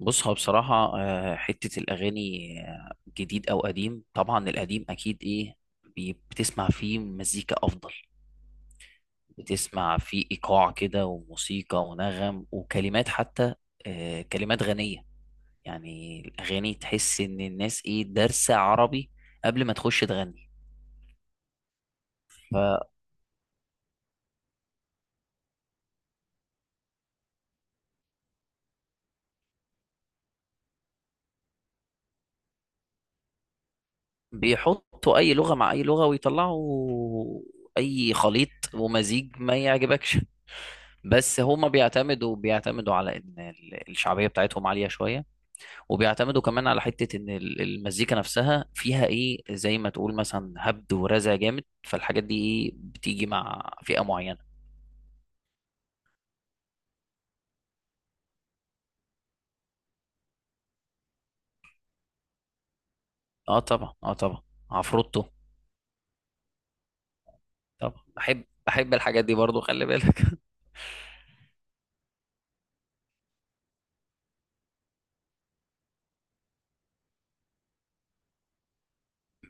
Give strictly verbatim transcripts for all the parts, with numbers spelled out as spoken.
بص، هو بصراحة آه، حتة الأغاني، آه، جديد أو قديم، طبعا القديم أكيد إيه بي- بتسمع فيه مزيكا أفضل. بتسمع فيه إيقاع كده وموسيقى ونغم وكلمات حتى، آه، كلمات غنية. يعني الأغاني تحس إن الناس إيه دارسة عربي قبل ما تخش تغني. فبيحطوا أي لغة مع أي لغة ويطلعوا أي خليط ومزيج ما يعجبكش. بس هما بيعتمدوا بيعتمدوا على ان ال- الشعبيه بتاعتهم عاليه شويه، وبيعتمدوا كمان على حته ان ال- المزيكا نفسها فيها ايه، زي ما تقول مثلا هبد ورزع جامد، فالحاجات دي ايه بتيجي مع فئه معينه. اه طبعا، اه طبعا. عفروتو. طبعا بحب بحب الحاجات دي برضو، خلي بالك.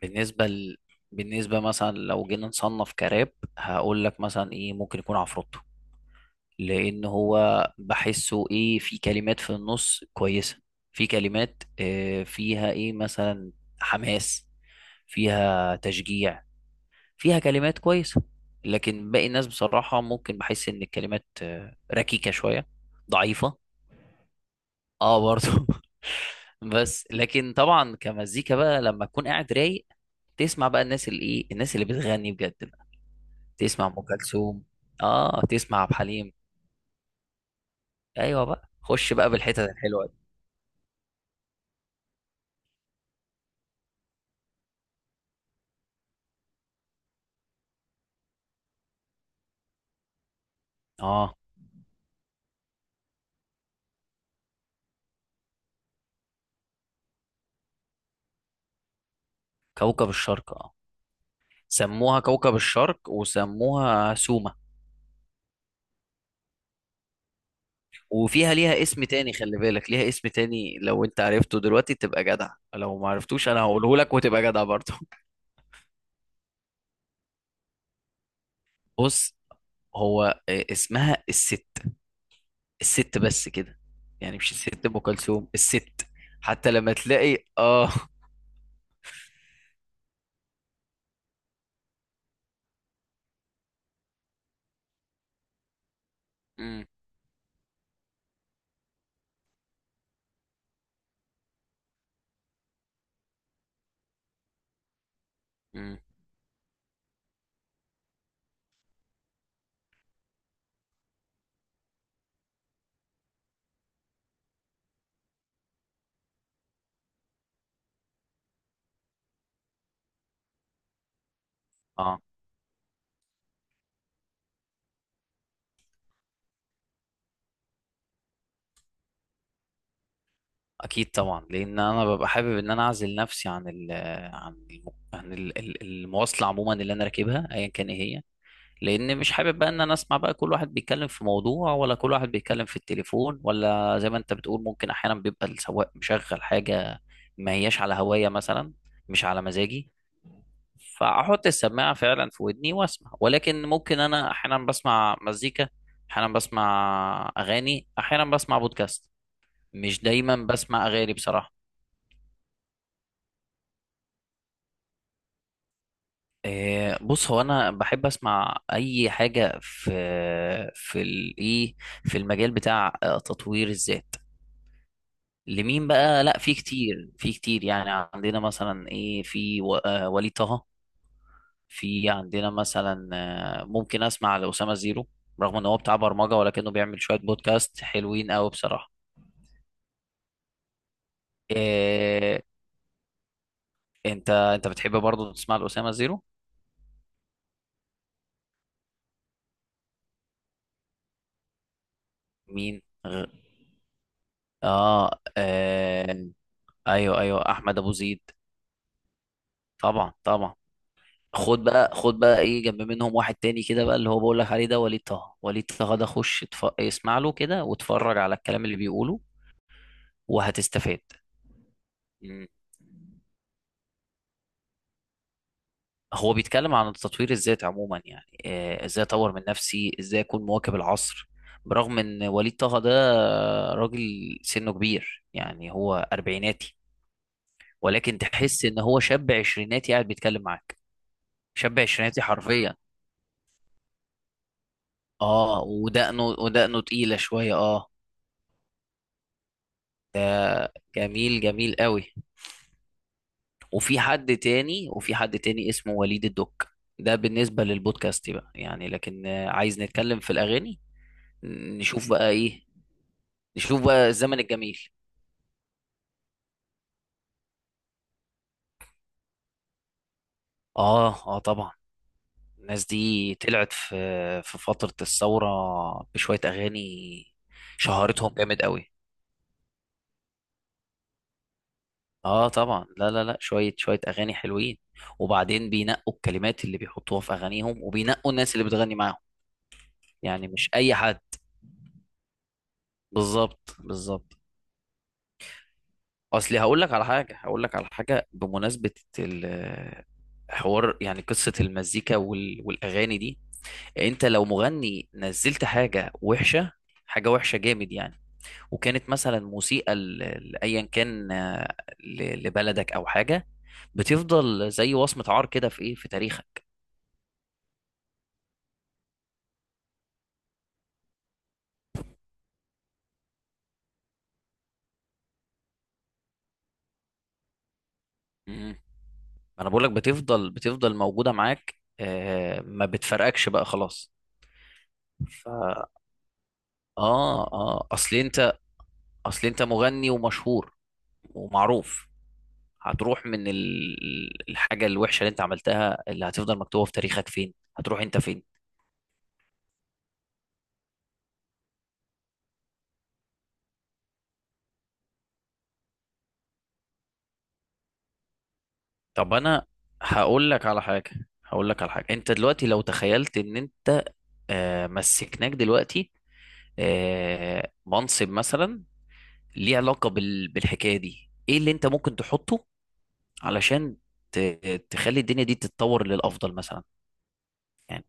بالنسبه ل... بالنسبه مثلا لو جينا نصنف كراب هقول لك مثلا ايه، ممكن يكون عفروتو. لان هو بحسه ايه، في كلمات في النص كويسه، في كلمات آه، فيها ايه مثلا، حماس، فيها تشجيع، فيها كلمات كويسه. لكن باقي الناس بصراحه ممكن بحس ان الكلمات آه، ركيكه شويه، ضعيفه. اه برضه. بس لكن طبعا كمزيكا بقى لما تكون قاعد رايق تسمع بقى الناس اللي ايه، الناس اللي بتغني بجد بقى. تسمع ام كلثوم، اه تسمع عبد الحليم. ايوه بقى، خش بقى بالحتت الحلوه. اه، كوكب الشرق اه. سموها كوكب الشرق وسموها سوما. وفيها ليها اسم تاني، خلي بالك ليها اسم تاني، لو انت عرفته دلوقتي تبقى جدع، لو ما عرفتوش انا هقوله لك وتبقى جدع برضه. بص، هو آه، اسمها الست، الست بس كده. يعني مش الست ام كلثوم، الست. حتى لما تلاقي اه. امم امم اه. اكيد طبعا، لان انا ببقى حابب ان انا اعزل نفسي عن ال عن الم... عن ال- ال- المواصله عموما اللي انا راكبها ايا كان ايه هي. لان مش حابب بقى ان انا اسمع بقى كل واحد بيتكلم في موضوع، ولا كل واحد بيتكلم في التليفون، ولا زي ما انت بتقول ممكن احيانا بيبقى السواق مشغل حاجة ما هياش على هواية مثلا، مش على مزاجي. فاحط السماعة فعلا في ودني واسمع. ولكن ممكن انا احيانا بسمع مزيكا، احيانا بسمع اغاني، احيانا بسمع بودكاست. مش دايما بسمع اغاني بصراحة. إيه، بص، هو انا بحب اسمع اي حاجه في في الايه في المجال بتاع آه، تطوير الذات. لمين بقى؟ لا، في كتير، في كتير. يعني عندنا مثلا ايه، في و- آه، وليد طه. في عندنا مثلا، آه، ممكن اسمع لأسامة زيرو، رغم ان هو بتاع برمجة ولكنه بيعمل شوية بودكاست حلوين قوي بصراحة. إيه. انت انت بتحب برضه تسمع لأسامة زيرو؟ مين غ... آه, اه ايوه ايوه، احمد ابو زيد. طبعا طبعا. خد بقى، خد بقى ايه، جنب منهم واحد تاني كده بقى، اللي هو بقول لك عليه ده، وليد طه. وليد طه ده خش اتف... اسمع له كده واتفرج على الكلام اللي بيقوله وهتستفاد. مم. هو بيتكلم عن التطوير الذاتي عموما. يعني آه، ازاي اطور من نفسي، ازاي اكون مواكب العصر. برغم ان وليد طه ده راجل سنه كبير، يعني هو اربعيناتي، ولكن تحس ان هو شاب عشريناتي قاعد بيتكلم معاك. شاب عشريناتي حرفيا. اه، ودقنه، ودقنه تقيلة شوية اه. جميل، جميل قوي. وفي حد تاني وفي حد تاني اسمه وليد الدك. ده بالنسبة للبودكاست بقى يعني. لكن آه، عايز نتكلم في الأغاني، نشوف بقى إيه. نشوف بقى الزمن الجميل. آه آه طبعا، الناس دي طلعت في في فترة الثورة بشوية أغاني. شهرتهم جامد قوي. آه طبعا. لا لا لا، شوية شوية أغاني حلوين. وبعدين بينقوا الكلمات اللي بيحطوها في أغانيهم، وبينقوا الناس اللي بتغني معاهم. يعني مش أي حد. بالظبط بالظبط. اصلي هقول لك على حاجه، هقول لك على حاجه، بمناسبه ال- حوار يعني، قصه المزيكا وال... والاغاني دي. انت لو مغني نزلت حاجه وحشه، حاجه وحشه جامد يعني، وكانت مثلا موسيقى ل- لايا كان، آه، ل... لبلدك او حاجه، بتفضل زي وصمه عار كده في ايه، في تاريخك. مم. انا بقول لك بتفضل، بتفضل موجوده معاك، آه، ما بتفرقكش بقى خلاص. ف اه اه، اصل انت اصل انت مغني ومشهور ومعروف. هتروح من ال- الحاجة الوحشة اللي انت عملتها اللي هتفضل مكتوبة في تاريخك؟ فين هتروح انت فين؟ طب انا هقول لك على حاجة هقول لك على حاجة. انت دلوقتي لو تخيلت ان انت، آه، مسكناك دلوقتي آه، منصب مثلا ليه علاقة بال- بالحكاية دي، ايه اللي انت ممكن تحطه علشان ت- تخلي الدنيا دي تتطور للأفضل مثلا، يعني؟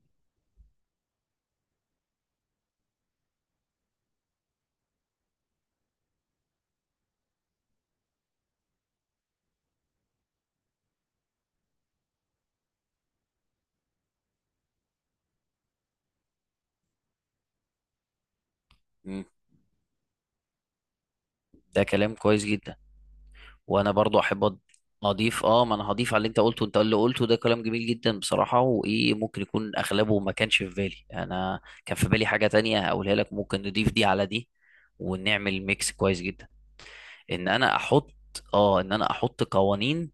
مم، ده كلام كويس جدا. وانا برضو احب أض- اضيف اه، ما انا هضيف على اللي انت قلته. انت اللي قلته ده كلام جميل جدا بصراحة، وايه ممكن يكون اغلبه ما كانش في بالي. انا كان في بالي حاجة تانية هقولها لك، ممكن نضيف دي على دي ونعمل ميكس كويس جدا. ان انا احط، اه ان انا احط قوانين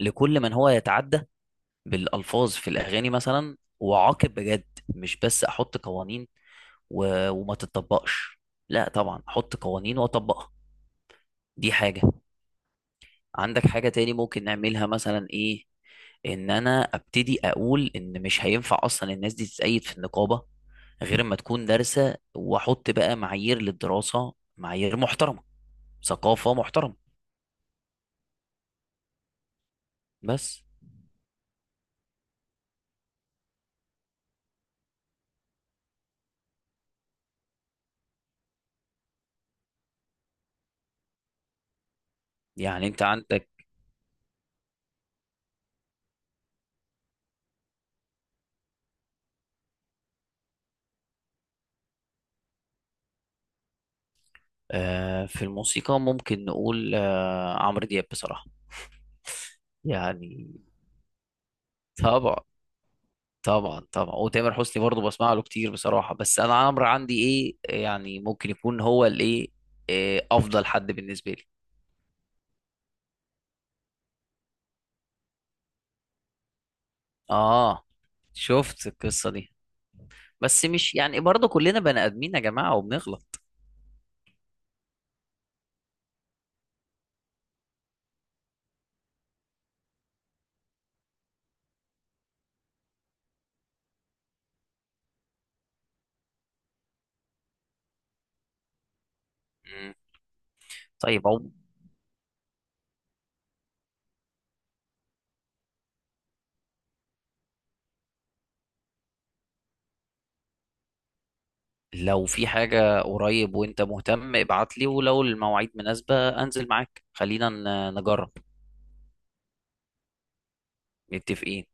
لكل من هو يتعدى بالالفاظ في الاغاني مثلا، واعاقب بجد. مش بس احط قوانين و... وما تتطبقش، لا طبعا احط قوانين واطبقها. دي حاجة. عندك حاجة تاني ممكن نعملها مثلا ايه، ان انا ابتدي اقول ان مش هينفع اصلا الناس دي تتأيد في النقابة غير ما تكون دارسة، واحط بقى معايير للدراسة، معايير محترمة، ثقافة محترمة. بس. يعني انت عندك، آه، في الموسيقى ممكن نقول آه، عمرو دياب بصراحة. يعني طبعا. طبعا طبعا، وتامر حسني برضه بسمع له كتير بصراحة، بس انا عمرو عندي ايه، يعني ممكن يكون هو الايه، إيه، افضل حد بالنسبة لي. اه، شفت القصة دي. بس مش يعني، برضه كلنا بني آدمين يا جماعة وبنغلط. مم. طيب. أو لو في حاجة قريب وأنت مهتم ابعت لي، ولو المواعيد مناسبة أنزل معاك، خلينا ن- نجرب. متفقين.